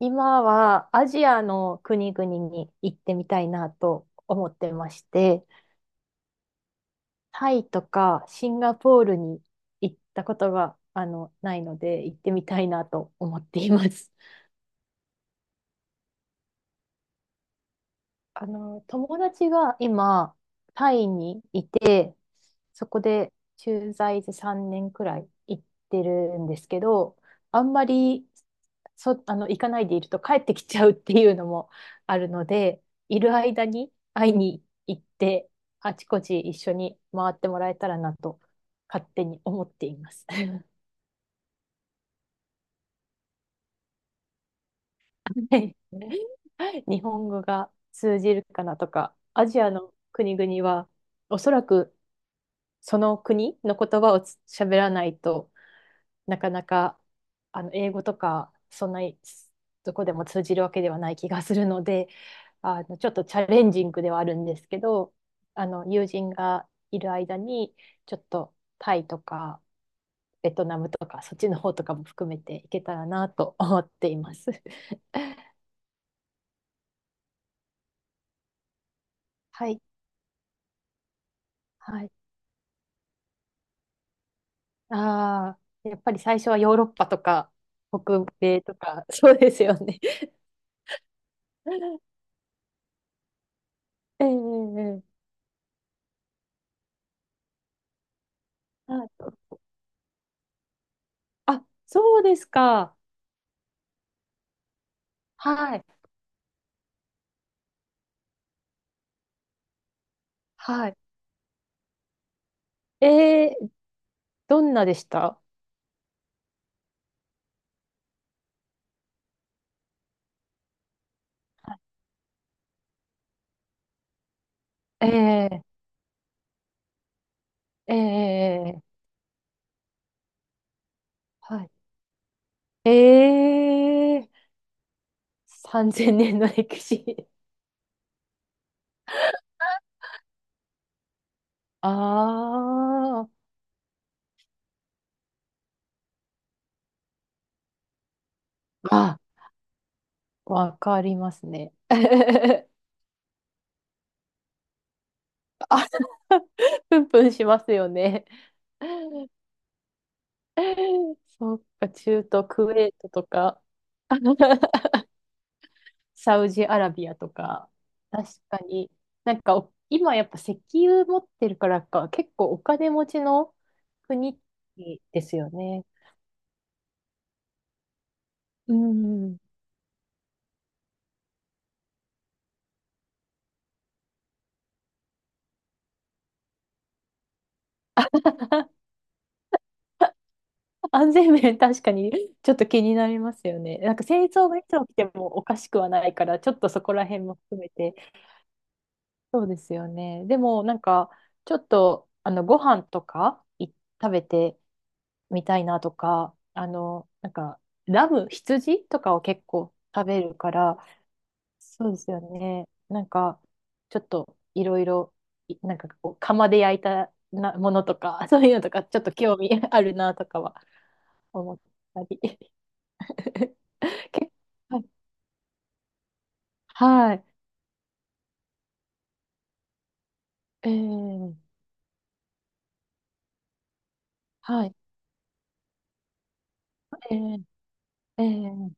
今はアジアの国々に行ってみたいなと思ってまして、タイとかシンガポールに行ったことが、ないので行ってみたいなと思っています。友達が今、タイにいて、そこで駐在で3年くらい行ってるんですけど、あんまりそ、あの、行かないでいると帰ってきちゃうっていうのもあるので、いる間に会いに行って、あちこち一緒に回ってもらえたらなと勝手に思っています。はい。日本語が通じるかなとか、アジアの国々はおそらくその国の言葉を喋らないと、なかなか英語とかそんなにどこでも通じるわけではない気がするので、ちょっとチャレンジングではあるんですけど、友人がいる間にちょっとタイとかベトナムとかそっちの方とかも含めていけたらなと 思っています。はい、はい。ああ、やっぱり最初はヨーロッパとか北米とか、そうですよね。ええええええ。はい。あ、そうですか。はい。はい。えー、どんなでした？えええーえーはい。えー、3000年の歴史。あ。ああ、わかりますね。あ、プンプンしますよね。そっか、中東クウェートとか。サウジアラビアとか、確かに、なんか今やっぱ石油持ってるからか、結構お金持ちの国ですよね。うん。安全面確かにちょっと気になりますよね。なんか戦争がいつ起きてもおかしくはないから、ちょっとそこら辺も含めて。そうですよね。でもなんかちょっとご飯とか食べてみたいなとか、なんかラム、羊とかを結構食べるから、そうですよね。なんか、ちょっといろいろ、なんかこう、釜で焼いたなものとか、そういうのとか、ちょっと興味 あるなとかは思ったり。けはい。はい。えー、はい。えー、えー、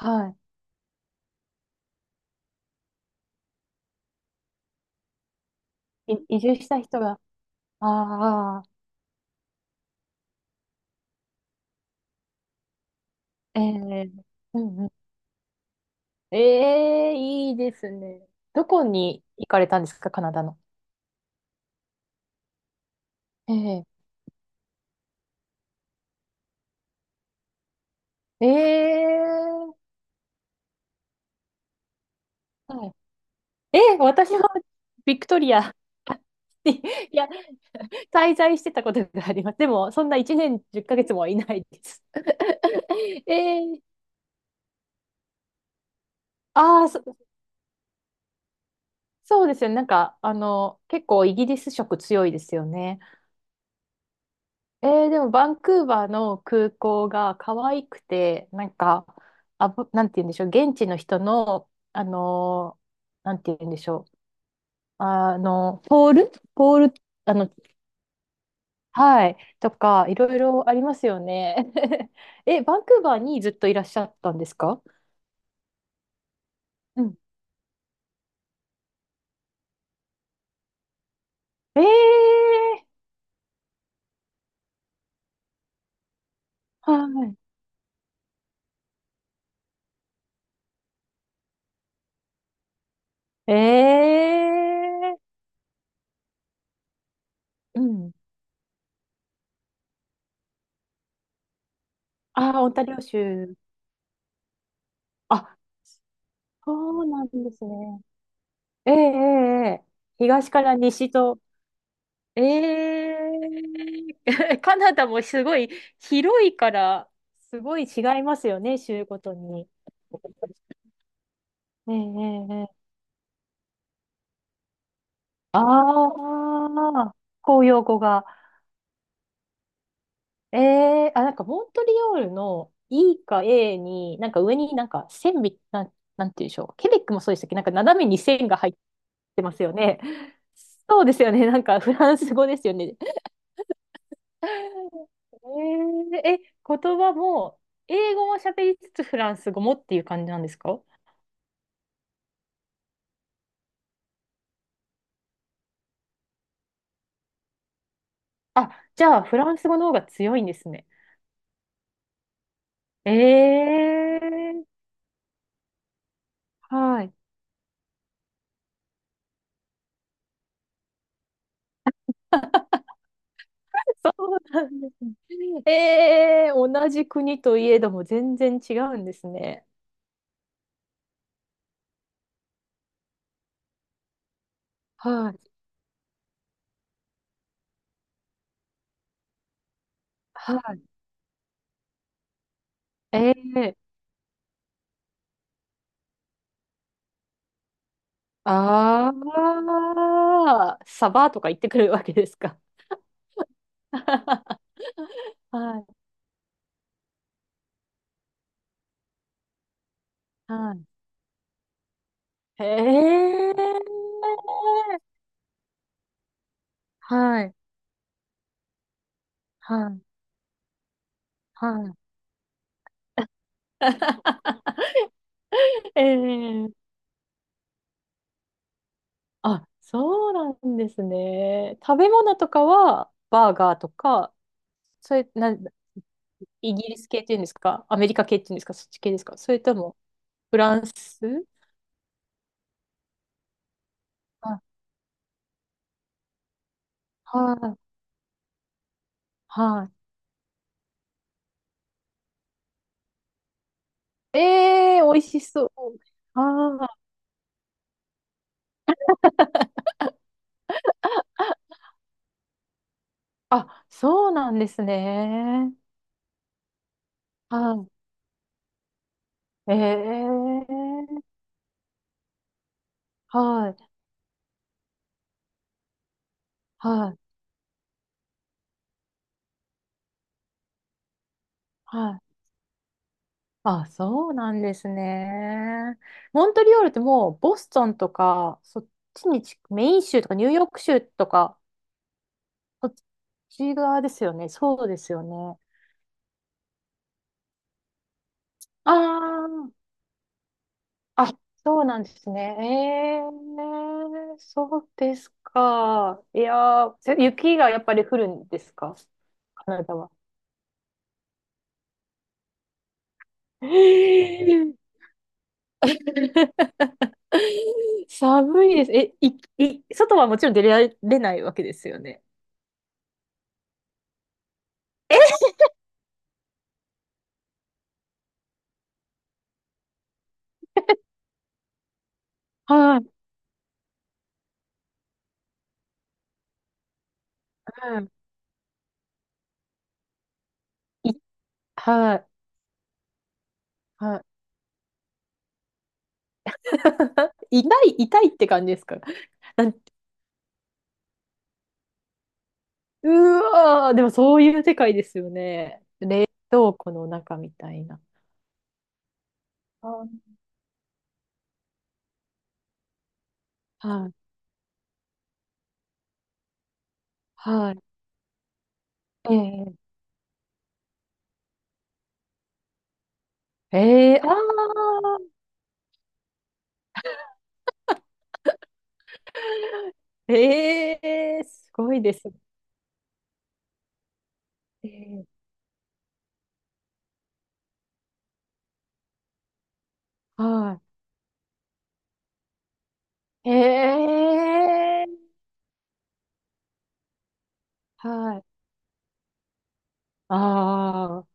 はい。移住した人が、ああ、えー、うんうん。ええ、いいですね。どこに行かれたんですか、カナダの？ええええ、はい。え、私はビクトリアに、いや、滞在してたことがあります。でも、そんな1年10ヶ月もいないです。えー、ああ、そうですよね。なんか、結構イギリス色強いですよね。えー、でも、バンクーバーの空港が可愛くて、なんか、なんて言うんでしょう。現地の人の、あのなんて言うんでしょう。ポールポール、あの、はい。とか、いろいろありますよね。え、バンクーバーにずっといらっしゃったんですか？うん。ええー、はい。ええー、うん。ああ、オンタリオ州。あ、そうなんですね。ええええええ、東から西と。ええ カナダもすごい広いから、すごい違いますよね、州ごとに。えええええ、ああ、公用語が。ええ、あ、なんかモントリオールの E か A に、なんか上になんか線み、なん、なんていうんでしょう。ケベックもそうでしたっけ？なんか斜めに線が入ってますよね。そうですよね。なんかフランス語ですよね。えええ、言葉も、英語も喋りつつフランス語もっていう感じなんですか？あ、じゃあフランス語の方が強いんですね。ええ、はい。そうなんですね。ええ、同じ国といえども全然違うんですね。はい。はい。ええ、ああー、サバとか行ってくるわけですか？はい。はい。ええ、はい。はい。はい。ええ、あ、そうなんですね。食べ物とかは、バーガーとか、それ、な、イギリス系っていうんですか、アメリカ系っていうんですか、そっち系ですか、それともフランス、あ、はい、はい。ええー、美味しそう。ああ、あ、そうなんですね。はい。ええー、はい、はい、はい。あ、そうなんですね。モントリオールってもう、ボストンとか、そっちにち、メイン州とかニューヨーク州とか、そっち側ですよね。そうですよね。ああ、あ、そうなんですね。えー、そうですか。いやー、雪がやっぱり降るんですか、カナダは？えー 寒いです。え、外はもちろん出られないわけですよね。え、はい、はい、はい、はい。痛い、痛いって感じですか？なんうわー、でもそういう世界ですよね。どうこの中みたいな。あー、はい、はい。ええええ、ああー、ええ、すごいですね。はい。ええ、はい。ああ、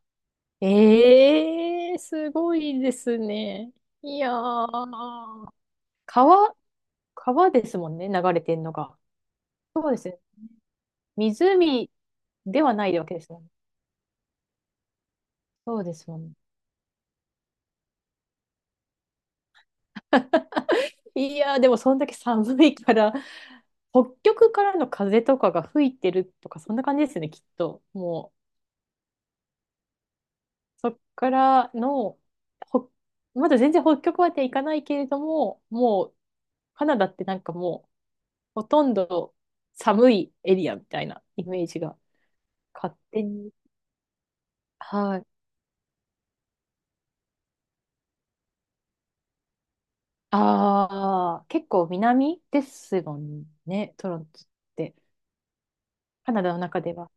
ええ、すごいですね。いやー、川、川ですもんね、流れてんのが。そうですね。湖ではないわけですもんね。そうですもんね。いやー、でもそんだけ寒いから、北極からの風とかが吹いてるとか、そんな感じですね、きっと。もう。そっからの、ほ、まだ全然北極まで行かないけれども、もうカナダってなんかもうほとんど寒いエリアみたいなイメージが勝手に。はい。ああ、結構南ですもんね、トロントって。カナダの中では。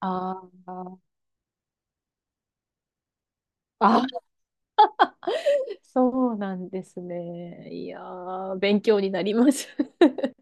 ああ、あー、そうなんですね。いやー、勉強になります。